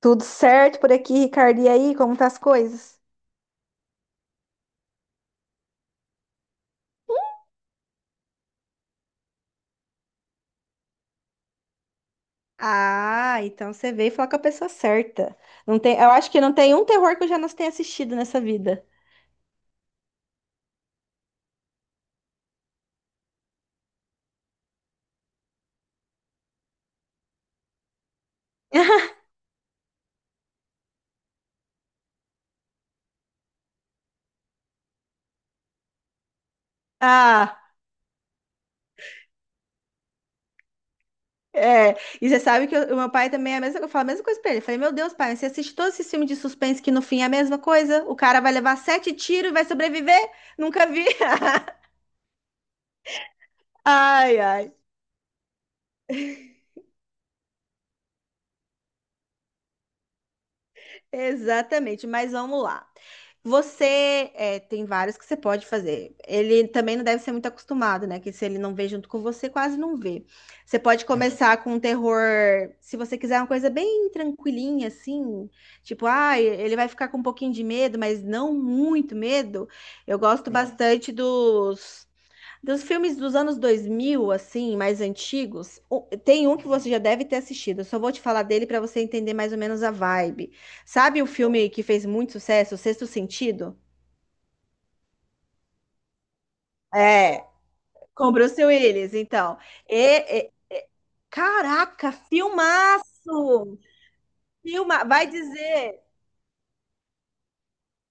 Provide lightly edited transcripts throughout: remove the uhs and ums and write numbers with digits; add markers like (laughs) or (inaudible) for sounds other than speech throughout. Tudo certo por aqui, Ricardo? E aí, como tá as coisas? Ah, então você veio falar com a pessoa certa. Não tem, eu acho que não tem um terror que eu já não tenha assistido nessa vida. (laughs) Ah, é. E você sabe que o meu pai também é a mesma, eu falo a mesma coisa pra ele. Eu falei, meu Deus, pai, você assiste todos esses filmes de suspense que no fim é a mesma coisa? O cara vai levar sete tiros e vai sobreviver? Nunca vi. (laughs) Ai, ai. Exatamente, mas vamos lá. Você é, tem vários que você pode fazer. Ele também não deve ser muito acostumado, né? Que se ele não vê junto com você, quase não vê. Você pode, é, começar com um terror, se você quiser uma coisa bem tranquilinha, assim, tipo, ah, ele vai ficar com um pouquinho de medo, mas não muito medo. Eu gosto, hum, bastante dos. Dos filmes dos anos 2000, assim, mais antigos, tem um que você já deve ter assistido. Eu só vou te falar dele para você entender mais ou menos a vibe. Sabe o filme que fez muito sucesso, O Sexto Sentido? É, com Bruce Willis, então. E, e- e- Caraca, filmaço! Filma, vai dizer.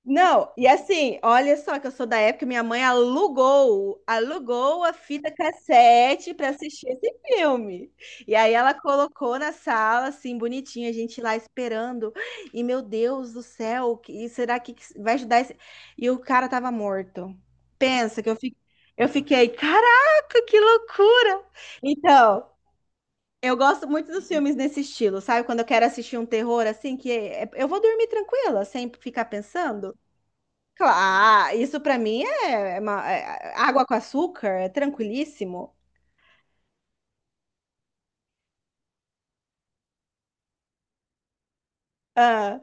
Não, e assim, olha só que eu sou da época, minha mãe alugou a fita cassete para assistir esse filme. E aí ela colocou na sala, assim, bonitinha, a gente lá esperando. E meu Deus do céu, que será que vai ajudar esse... E o cara tava morto. Pensa que eu fiquei, caraca, que loucura! Então, eu gosto muito dos filmes nesse estilo, sabe? Quando eu quero assistir um terror assim, eu vou dormir tranquila, sem ficar pensando. Claro, isso pra mim é uma-, é água com açúcar, é tranquilíssimo. Ah,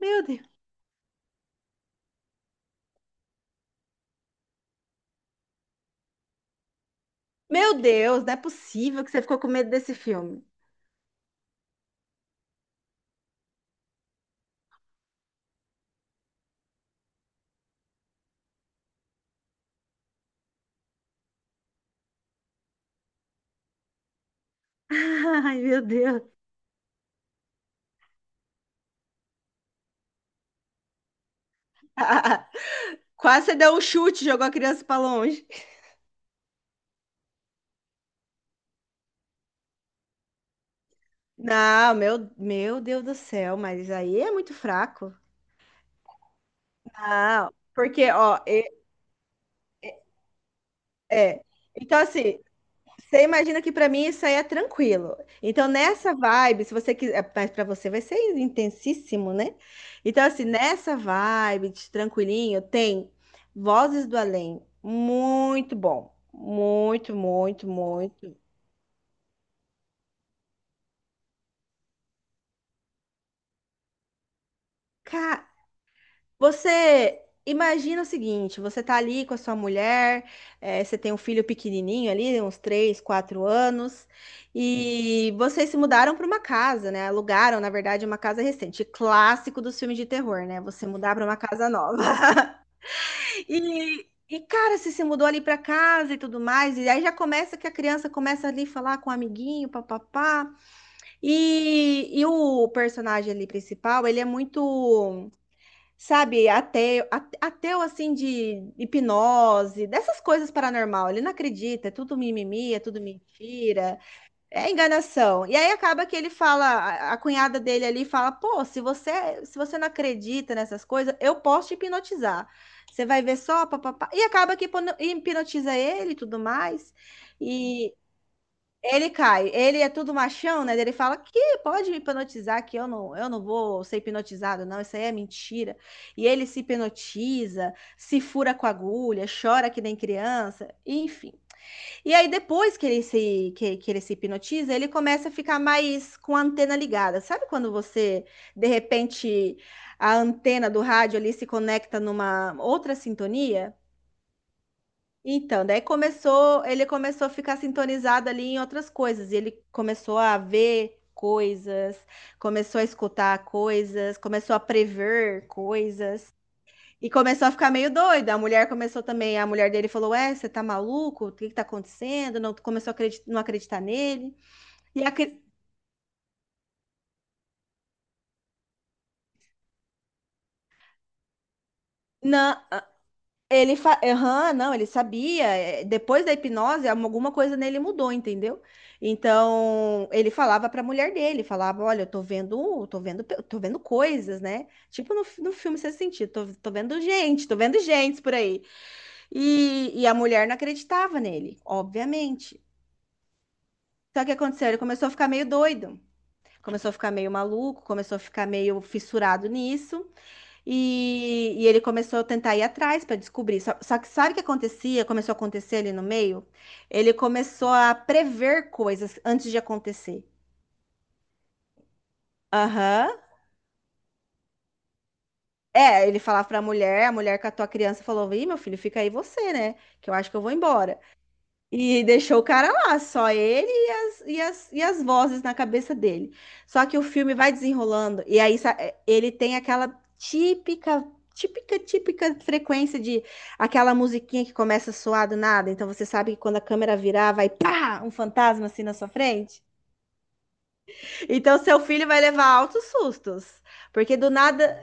meu Deus. Meu Deus, não é possível que você ficou com medo desse filme. (laughs) Ai, meu Deus. (laughs) Quase você deu um chute, jogou a criança pra longe. Não, meu Deus do céu, mas aí é muito fraco. Não, porque, ó, é, é. Então, assim, você imagina que pra mim isso aí é tranquilo. Então, nessa vibe, se você quiser, mas para você vai ser intensíssimo, né? Então, assim, nessa vibe de tranquilinho, tem Vozes do Além. Muito bom. Muito, muito, muito. Cara, você imagina o seguinte: você tá ali com a sua mulher, você tem um filho pequenininho ali, uns 3, 4 anos, e vocês se mudaram para uma casa, né? Alugaram, na verdade, uma casa recente, clássico dos filmes de terror, né? Você mudar para uma casa nova. (laughs) Cara, você se mudou ali para casa e tudo mais, e aí já começa que a criança começa ali a falar com o amiguinho, papapá. E o personagem ali principal, ele é muito. Sabe, ateu, ateu assim de hipnose, dessas coisas paranormal. Ele não acredita, é tudo mimimi, é tudo mentira, é enganação. E aí acaba que ele fala, a cunhada dele ali fala: "Pô, se você não acredita nessas coisas, eu posso te hipnotizar. Você vai ver só, papapá". E acaba que hipnotiza ele e tudo mais. Ele cai. Ele é tudo machão, né? Ele fala que pode me hipnotizar, que eu não vou ser hipnotizado, não. Isso aí é mentira. E ele se hipnotiza, se fura com a agulha, chora que nem criança, enfim. E aí depois que ele se hipnotiza, ele começa a ficar mais com a antena ligada. Sabe quando você de repente a antena do rádio ali se conecta numa outra sintonia? Então, daí começou, ele começou a ficar sintonizado ali em outras coisas, e ele começou a ver coisas, começou a escutar coisas, começou a prever coisas, e começou a ficar meio doido. A mulher começou também, a mulher dele falou: Ué, você tá maluco? O que que tá acontecendo? Não começou a acreditar, não acreditar nele. E a, cri- não. Aham, não, ele sabia. É, depois da hipnose, alguma coisa nele mudou, entendeu? Então, ele falava pra mulher dele, falava, olha, tô vendo, tô vendo coisas, né? Tipo no, no filme Sexto Sentido, tô vendo gente por aí. E a mulher não acreditava nele, obviamente. Só que o que aconteceu? Ele começou a ficar meio doido, começou a ficar meio maluco, começou a ficar meio fissurado nisso. E ele começou a tentar ir atrás para descobrir. Só que sabe o que acontecia? Começou a acontecer ali no meio? Ele começou a prever coisas antes de acontecer. Aham. É, ele falava pra mulher, a mulher catou a criança e falou: Ih, meu filho, fica aí você, né? Que eu acho que eu vou embora. E deixou o cara lá, só ele e e as vozes na cabeça dele. Só que o filme vai desenrolando, e aí ele tem aquela típica, típica frequência de aquela musiquinha que começa a soar do nada. Então você sabe que quando a câmera virar, vai pá, um fantasma assim na sua frente. Então, seu filho vai levar altos sustos, porque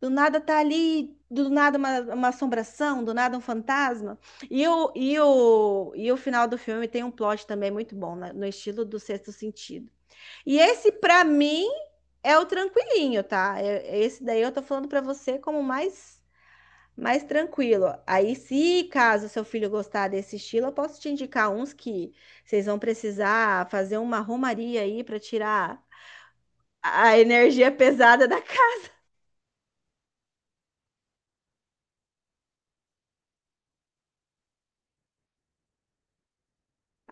do nada tá ali, do nada uma assombração, do nada um fantasma. E o final do filme tem um plot também muito bom, né, no estilo do Sexto Sentido. E esse, pra mim, é o tranquilinho, tá? É- esse daí eu tô falando pra você como mais, mais tranquilo. Aí, se caso seu filho gostar desse estilo, eu posso te indicar uns que vocês vão precisar fazer uma romaria aí pra tirar a energia pesada da casa.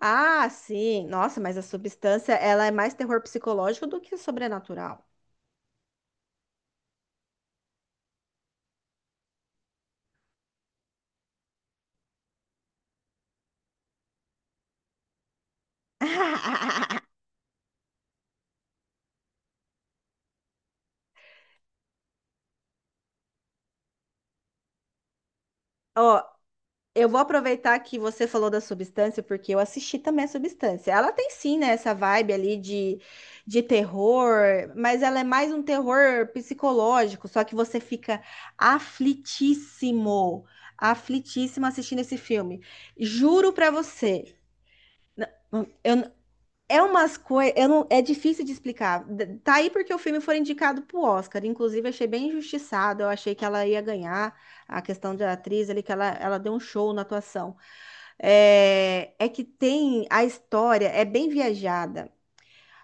Ah, sim. Nossa, mas a substância, ela é mais terror psicológico do que sobrenatural. (laughs) Ó, eu vou aproveitar que você falou da substância, porque eu assisti também a substância. Ela tem sim, né, essa vibe ali de terror, mas ela é mais um terror psicológico, só que você fica aflitíssimo, aflitíssimo assistindo esse filme. Juro pra você, eu, é umas coisas, é difícil de explicar. Tá aí porque o filme foi indicado pro Oscar. Inclusive, achei bem injustiçado. Eu achei que ela ia ganhar a questão da atriz ali, que ela deu um show na atuação. É, é que tem a história, é bem viajada.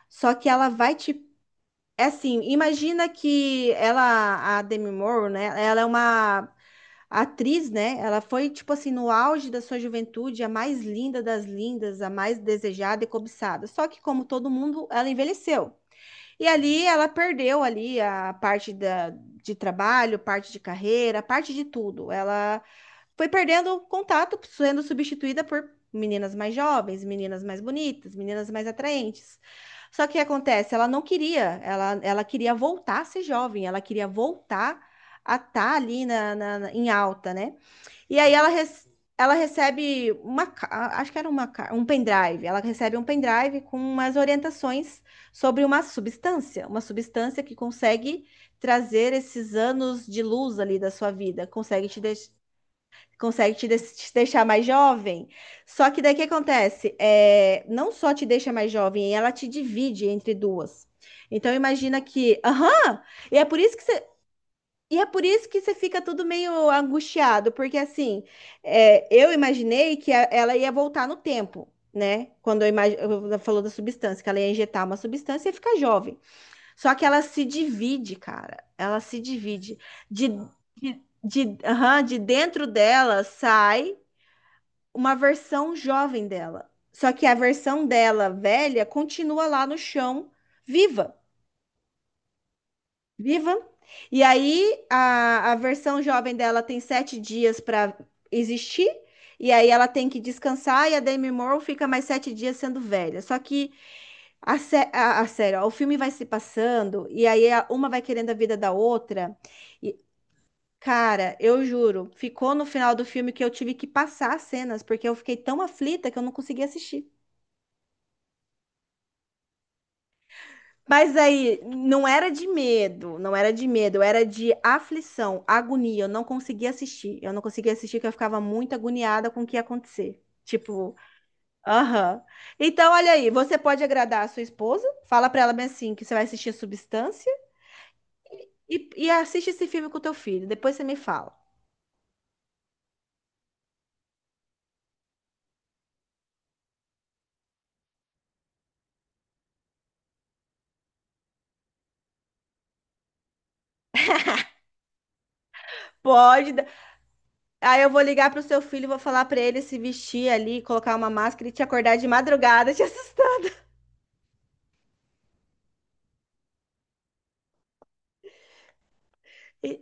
Só que ela vai te. É assim, imagina que ela, a Demi Moore, né? Ela é uma a atriz, né? Ela foi, tipo assim, no auge da sua juventude, a mais linda das lindas, a mais desejada e cobiçada. Só que, como todo mundo, ela envelheceu. E ali ela perdeu ali a parte da, de trabalho, parte de carreira, parte de tudo. Ela foi perdendo contato, sendo substituída por meninas mais jovens, meninas mais bonitas, meninas mais atraentes. Só que o que acontece? Ela não queria, ela queria voltar a ser jovem, ela queria voltar a estar ali na, em alta, né? E aí ela recebe uma, acho que era uma, um pendrive. Ela recebe um pendrive com umas orientações sobre uma substância que consegue trazer esses anos de luz ali da sua vida, consegue te, te deixar mais jovem. Só que daí o que acontece? É, não só te deixa mais jovem, ela te divide entre duas. Então imagina que, aham, e é por isso que você e é por isso que você fica tudo meio angustiado, porque assim, é, eu imaginei que ela ia voltar no tempo, né? Quando falou da substância, que ela ia injetar uma substância e ia ficar jovem. Só que ela se divide, cara. Ela se divide. De, aham, de dentro dela sai uma versão jovem dela. Só que a versão dela velha continua lá no chão, viva. Viva! E aí, a versão jovem dela tem sete dias para existir, e aí ela tem que descansar, e a Demi Moore fica mais sete dias sendo velha. Só que a sério, ó, o filme vai se passando, e aí uma vai querendo a vida da outra. E, cara, eu juro, ficou no final do filme que eu tive que passar as cenas, porque eu fiquei tão aflita que eu não consegui assistir. Mas aí, não era de medo, não era de medo, era de aflição, agonia. Eu não conseguia assistir. Eu não conseguia assistir porque eu ficava muito agoniada com o que ia acontecer. Tipo, aham. Então, olha aí, você pode agradar a sua esposa, fala pra ela bem assim que você vai assistir Substância e assiste esse filme com o teu filho. Depois você me fala. Pode. dar- Aí eu vou ligar pro seu filho, e vou falar pra ele se vestir ali, colocar uma máscara e te acordar de madrugada, (laughs) te assustar. E-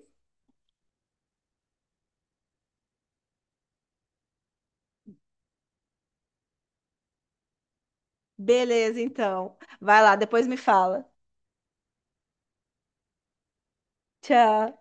Beleza, então. Vai lá, depois me fala. Tchau.